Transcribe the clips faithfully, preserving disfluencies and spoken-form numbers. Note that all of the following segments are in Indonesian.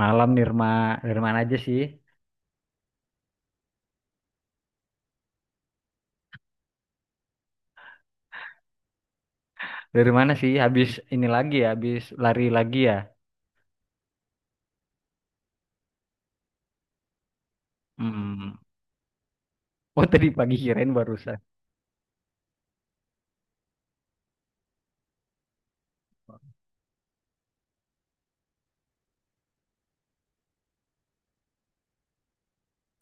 Malam Nirma, dari mana aja sih? Dari mana sih? Habis ini lagi ya, habis lari lagi ya. Hmm. Oh tadi pagi kirain barusan.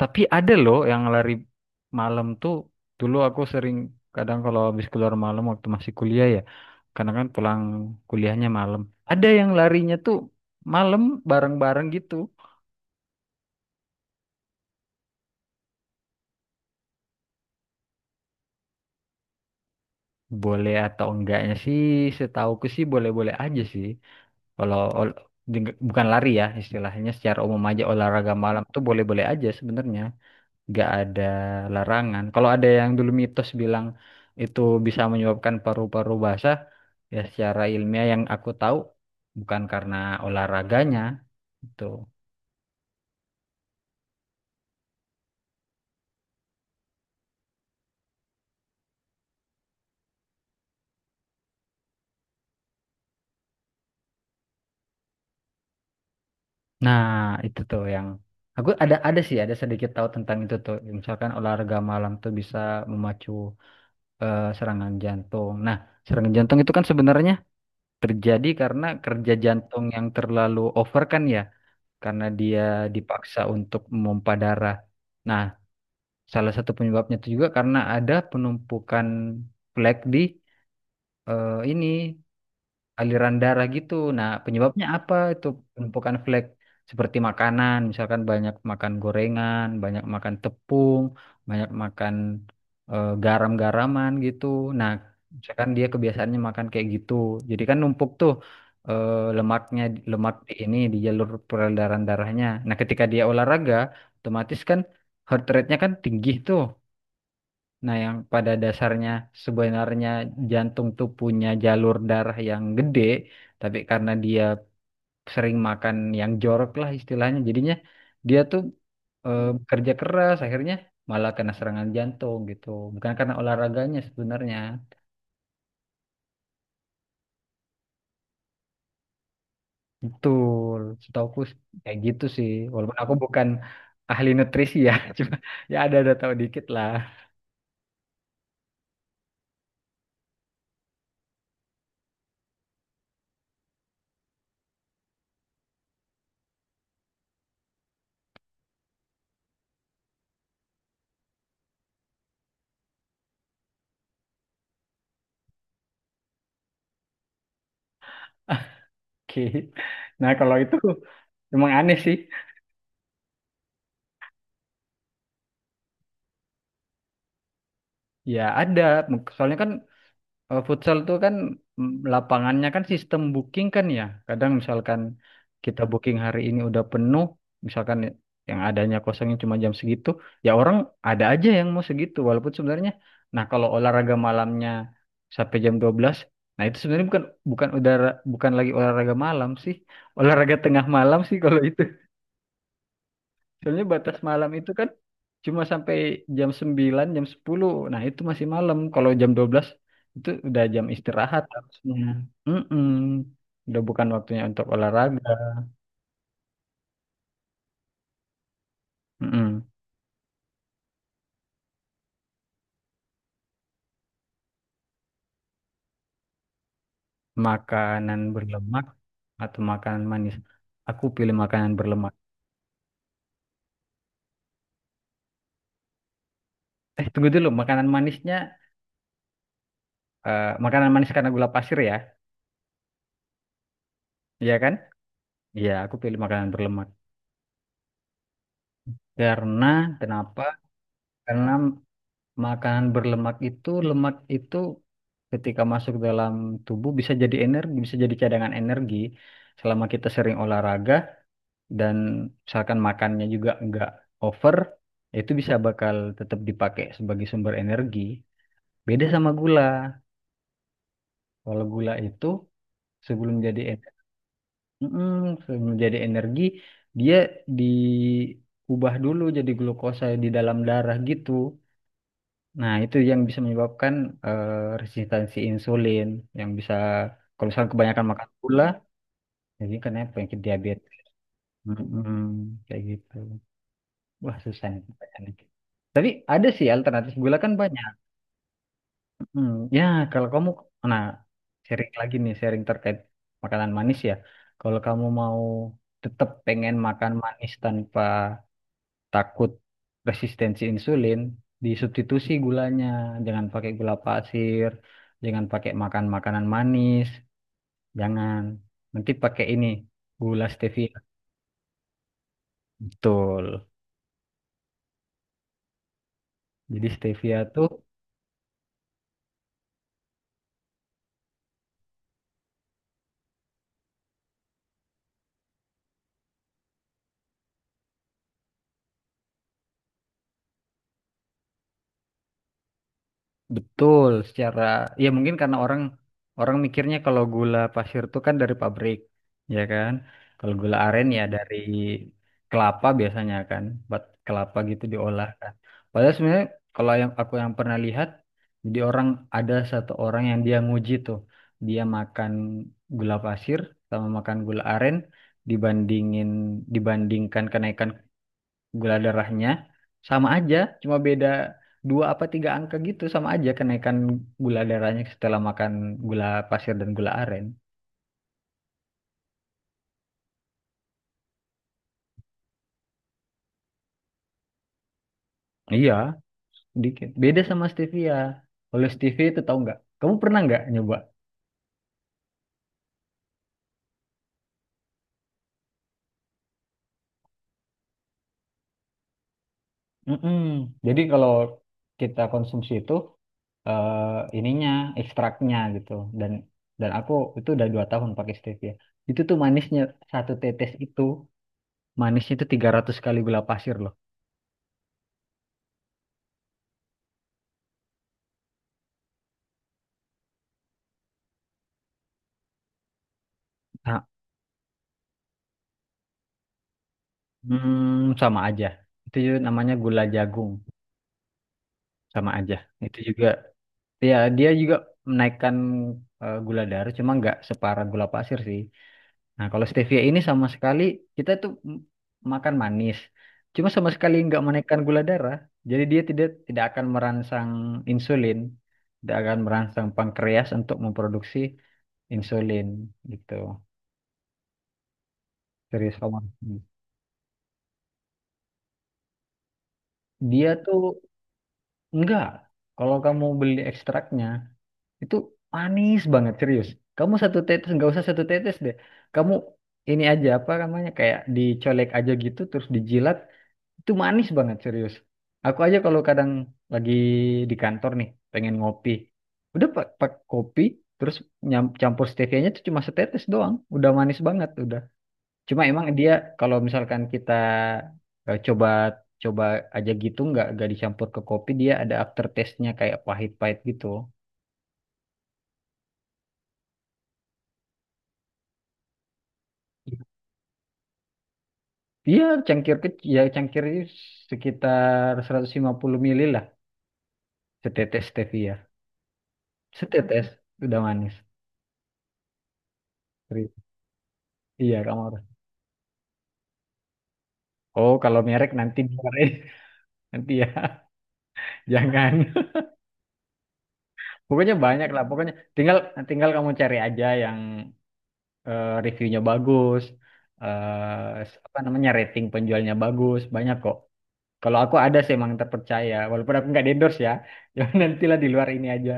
Tapi ada loh yang lari malam tuh. Dulu aku sering kadang kalau habis keluar malam waktu masih kuliah ya. Karena kan pulang kuliahnya malam. Ada yang larinya tuh malam bareng-bareng gitu. Boleh atau enggaknya sih, setauku sih boleh-boleh aja sih. Kalau ol- di- bukan lari ya istilahnya secara umum aja olahraga malam tuh boleh-boleh aja sebenarnya. Nggak ada larangan. Kalau ada yang dulu mitos bilang itu bisa menyebabkan paru-paru basah, ya secara ilmiah yang aku tahu bukan karena olahraganya itu. Nah, itu tuh yang aku ada ada sih ada sedikit tahu tentang itu tuh. Misalkan olahraga malam tuh bisa memacu eh, serangan jantung. Nah, serangan jantung itu kan sebenarnya terjadi karena kerja jantung yang terlalu over kan ya, karena dia dipaksa untuk memompa darah. Nah, salah satu penyebabnya itu juga karena ada penumpukan plak di eh, ini aliran darah gitu. Nah, penyebabnya apa itu penumpukan flek? Seperti makanan, misalkan banyak makan gorengan, banyak makan tepung, banyak makan eh, garam-garaman gitu. Nah, misalkan dia kebiasaannya makan kayak gitu. Jadi kan numpuk tuh eh, lemaknya, lemak di ini di jalur peredaran darahnya. Nah, ketika dia olahraga, otomatis kan heart rate-nya kan tinggi tuh. Nah, yang pada dasarnya sebenarnya jantung tuh punya jalur darah yang gede, tapi karena dia sering makan yang jorok lah istilahnya, jadinya dia tuh eh, Hmm. bekerja keras, akhirnya malah kena serangan jantung gitu. Bukan karena olahraganya sebenarnya. Betul, setauku s- kayak gitu sih. Walaupun aku bukan ahli nutrisi ya, cuma ya ada-ada tahu dikit lah. Oke. Nah, kalau itu emang aneh sih. Ya ada, soalnya kan, Eh, futsal tuh kan, mm, lapangannya kan sistem booking kan, ya. Kadang misalkan kita booking hari ini udah penuh, misalkan yang adanya kosongnya cuma jam segitu, ya orang ada aja yang mau segitu walaupun sebenarnya, nah kalau olahraga malamnya sampai jam dua belas, nah itu sebenarnya bukan bukan udara bukan lagi olahraga malam sih, olahraga tengah malam sih kalau itu. Soalnya batas malam itu kan cuma sampai jam sembilan jam sepuluh. Nah, itu masih malam. Kalau jam dua belas itu udah jam istirahat harusnya. Mm-mm. Udah bukan waktunya untuk olahraga. Mm-mm. Makanan berlemak atau makanan manis. Aku pilih makanan berlemak. Eh, tunggu dulu. Makanan manisnya, eh, makanan manis karena gula pasir ya. Iya kan? Iya, aku pilih makanan berlemak. Karena, kenapa? Karena makanan berlemak itu, lemak itu ketika masuk dalam tubuh bisa jadi energi, bisa jadi cadangan energi selama kita sering olahraga dan misalkan makannya juga nggak over, ya itu bisa bakal tetap dipakai sebagai sumber energi. Beda sama gula. Kalau gula itu sebelum jadi energi, sebelum jadi energi dia diubah dulu jadi glukosa di dalam darah gitu. Nah, itu yang bisa menyebabkan eh, resistensi insulin yang bisa kalau misalkan kebanyakan makan gula, jadi kan ya penyakit diabetes. Mm-mm, kayak gitu. Wah, susah nih pertanyaannya. Tapi ada sih alternatif gula kan banyak. Hmm, ya, kalau kamu, nah, sharing lagi nih, sharing terkait makanan manis ya. Kalau kamu mau tetap pengen makan manis tanpa takut resistensi insulin, disubstitusi gulanya, jangan pakai gula pasir, jangan pakai makan makanan manis, jangan, nanti pakai ini gula stevia. Betul. Jadi stevia tuh. Betul, secara ya mungkin karena orang orang mikirnya kalau gula pasir itu kan dari pabrik, ya kan? Kalau gula aren ya dari kelapa biasanya kan, buat kelapa gitu diolah kan. Padahal sebenarnya kalau yang aku yang pernah lihat, jadi orang, ada satu orang yang dia nguji tuh, dia makan gula pasir sama makan gula aren, dibandingin dibandingkan kenaikan gula darahnya sama aja, cuma beda dua apa tiga angka gitu, sama aja kenaikan gula darahnya setelah makan gula pasir dan gula aren. Iya, dikit. Beda sama stevia. Kalau stevia itu tahu nggak? Kamu pernah nggak nyoba? Mm-mm. Jadi kalau kita konsumsi itu eh, ininya, ekstraknya gitu, dan dan aku itu udah dua tahun pakai stevia. Itu tuh manisnya satu tetes, itu manisnya itu tiga ratus kali gula pasir loh. Hmm, sama aja. Itu juga namanya gula jagung, sama aja. Itu juga, ya dia juga menaikkan eh, gula darah, cuma nggak separah gula pasir sih. Nah, kalau stevia ini sama sekali, kita tuh m- makan manis, cuma sama sekali nggak menaikkan gula darah. Jadi dia tidak tidak akan merangsang insulin, tidak akan merangsang pankreas untuk memproduksi insulin gitu. Serius kamu. Dia tuh enggak. Kalau kamu beli ekstraknya, itu manis banget, serius. Kamu satu tetes, nggak usah satu tetes deh. Kamu ini aja, apa namanya, kayak dicolek aja gitu terus dijilat, itu manis banget, serius. Aku aja kalau kadang lagi di kantor nih pengen ngopi. Udah pak pak kopi, terus nyam- campur stevianya tuh cuma setetes doang. Udah manis banget udah. Cuma emang dia kalau misalkan kita eh, coba, coba aja gitu, nggak nggak dicampur ke kopi, dia ada aftertaste-nya kayak pahit-pahit gitu. Iya, cangkir kecil, ya cangkir ini sekitar seratus lima puluh mili lah, setetes stevia. Setetes, udah manis. Serius. Iya, kamu harus. Oh, kalau merek nanti dimarahin. Nanti ya, jangan. Pokoknya banyak lah, pokoknya tinggal tinggal kamu cari aja yang eh, reviewnya bagus, eh, apa namanya rating penjualnya bagus, banyak kok. Kalau aku ada sih emang yang terpercaya, walaupun aku nggak endorse ya. Jangan, nantilah di luar ini aja.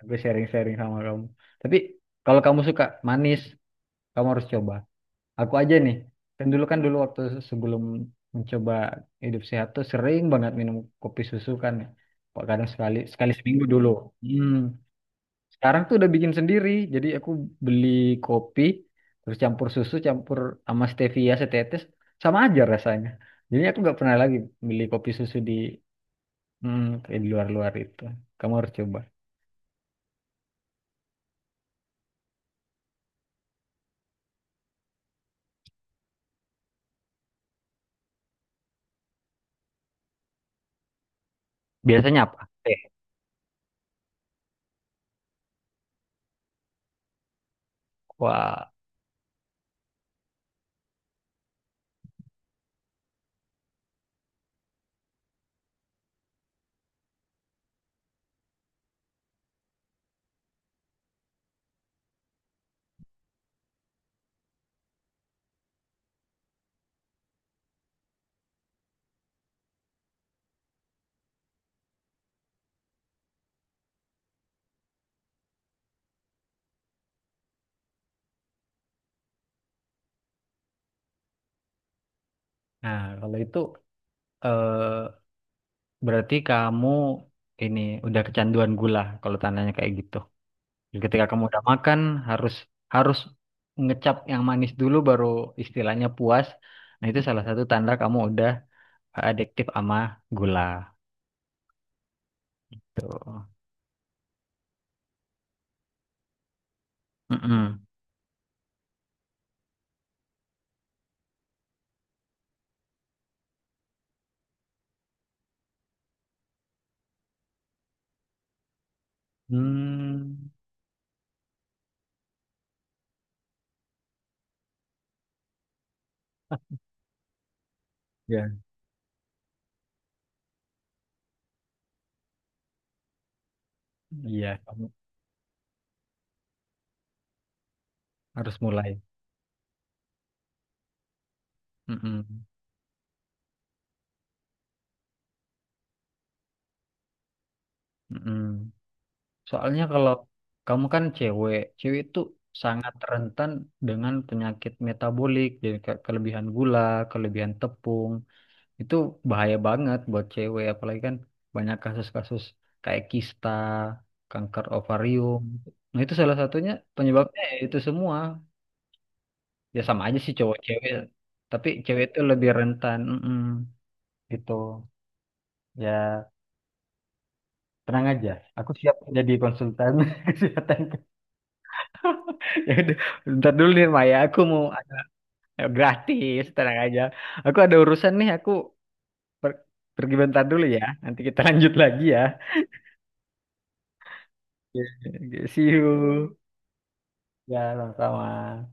Aku sharing-sharing sama kamu. Tapi kalau kamu suka manis, kamu harus coba. Aku aja nih, kan dulu kan dulu waktu sebelum mencoba hidup sehat tuh sering banget minum kopi susu kan, ya. Kok kadang sekali sekali seminggu dulu. Hmm. Sekarang tuh udah bikin sendiri. Jadi aku beli kopi, terus campur susu, campur sama stevia setetes, sama aja rasanya. Jadi aku nggak pernah lagi beli kopi susu di, Hmm, kayak di luar-luar itu. Kamu harus coba. Biasanya apa? Eh, wah, Nah, kalau itu, eh, berarti kamu ini udah kecanduan gula kalau tandanya kayak gitu. Jadi ketika kamu udah makan harus harus ngecap yang manis dulu baru istilahnya puas. Nah, itu salah satu tanda kamu udah adiktif sama gula. Tuh. Mm-mm. Hmm, ya. Iya, kamu harus mulai. Mm-mm. Mm-mm. Soalnya kalau kamu kan cewek, cewek itu sangat rentan dengan penyakit metabolik, jadi ke- kelebihan gula, kelebihan tepung, itu bahaya banget buat cewek, apalagi kan banyak kasus-kasus kayak kista, kanker ovarium. Nah, itu salah satunya penyebabnya ya itu semua. Ya sama aja sih cowok cewek, tapi cewek itu lebih rentan, mm gitu. Ya tenang aja, aku siap jadi konsultan kesehatan. Ya udah, bentar dulu nih Maya, aku mau, ayo, gratis, tenang aja. Aku ada urusan nih, aku per- pergi bentar dulu ya. Nanti kita lanjut lagi ya. Oke, see you. Ya, sama-sama.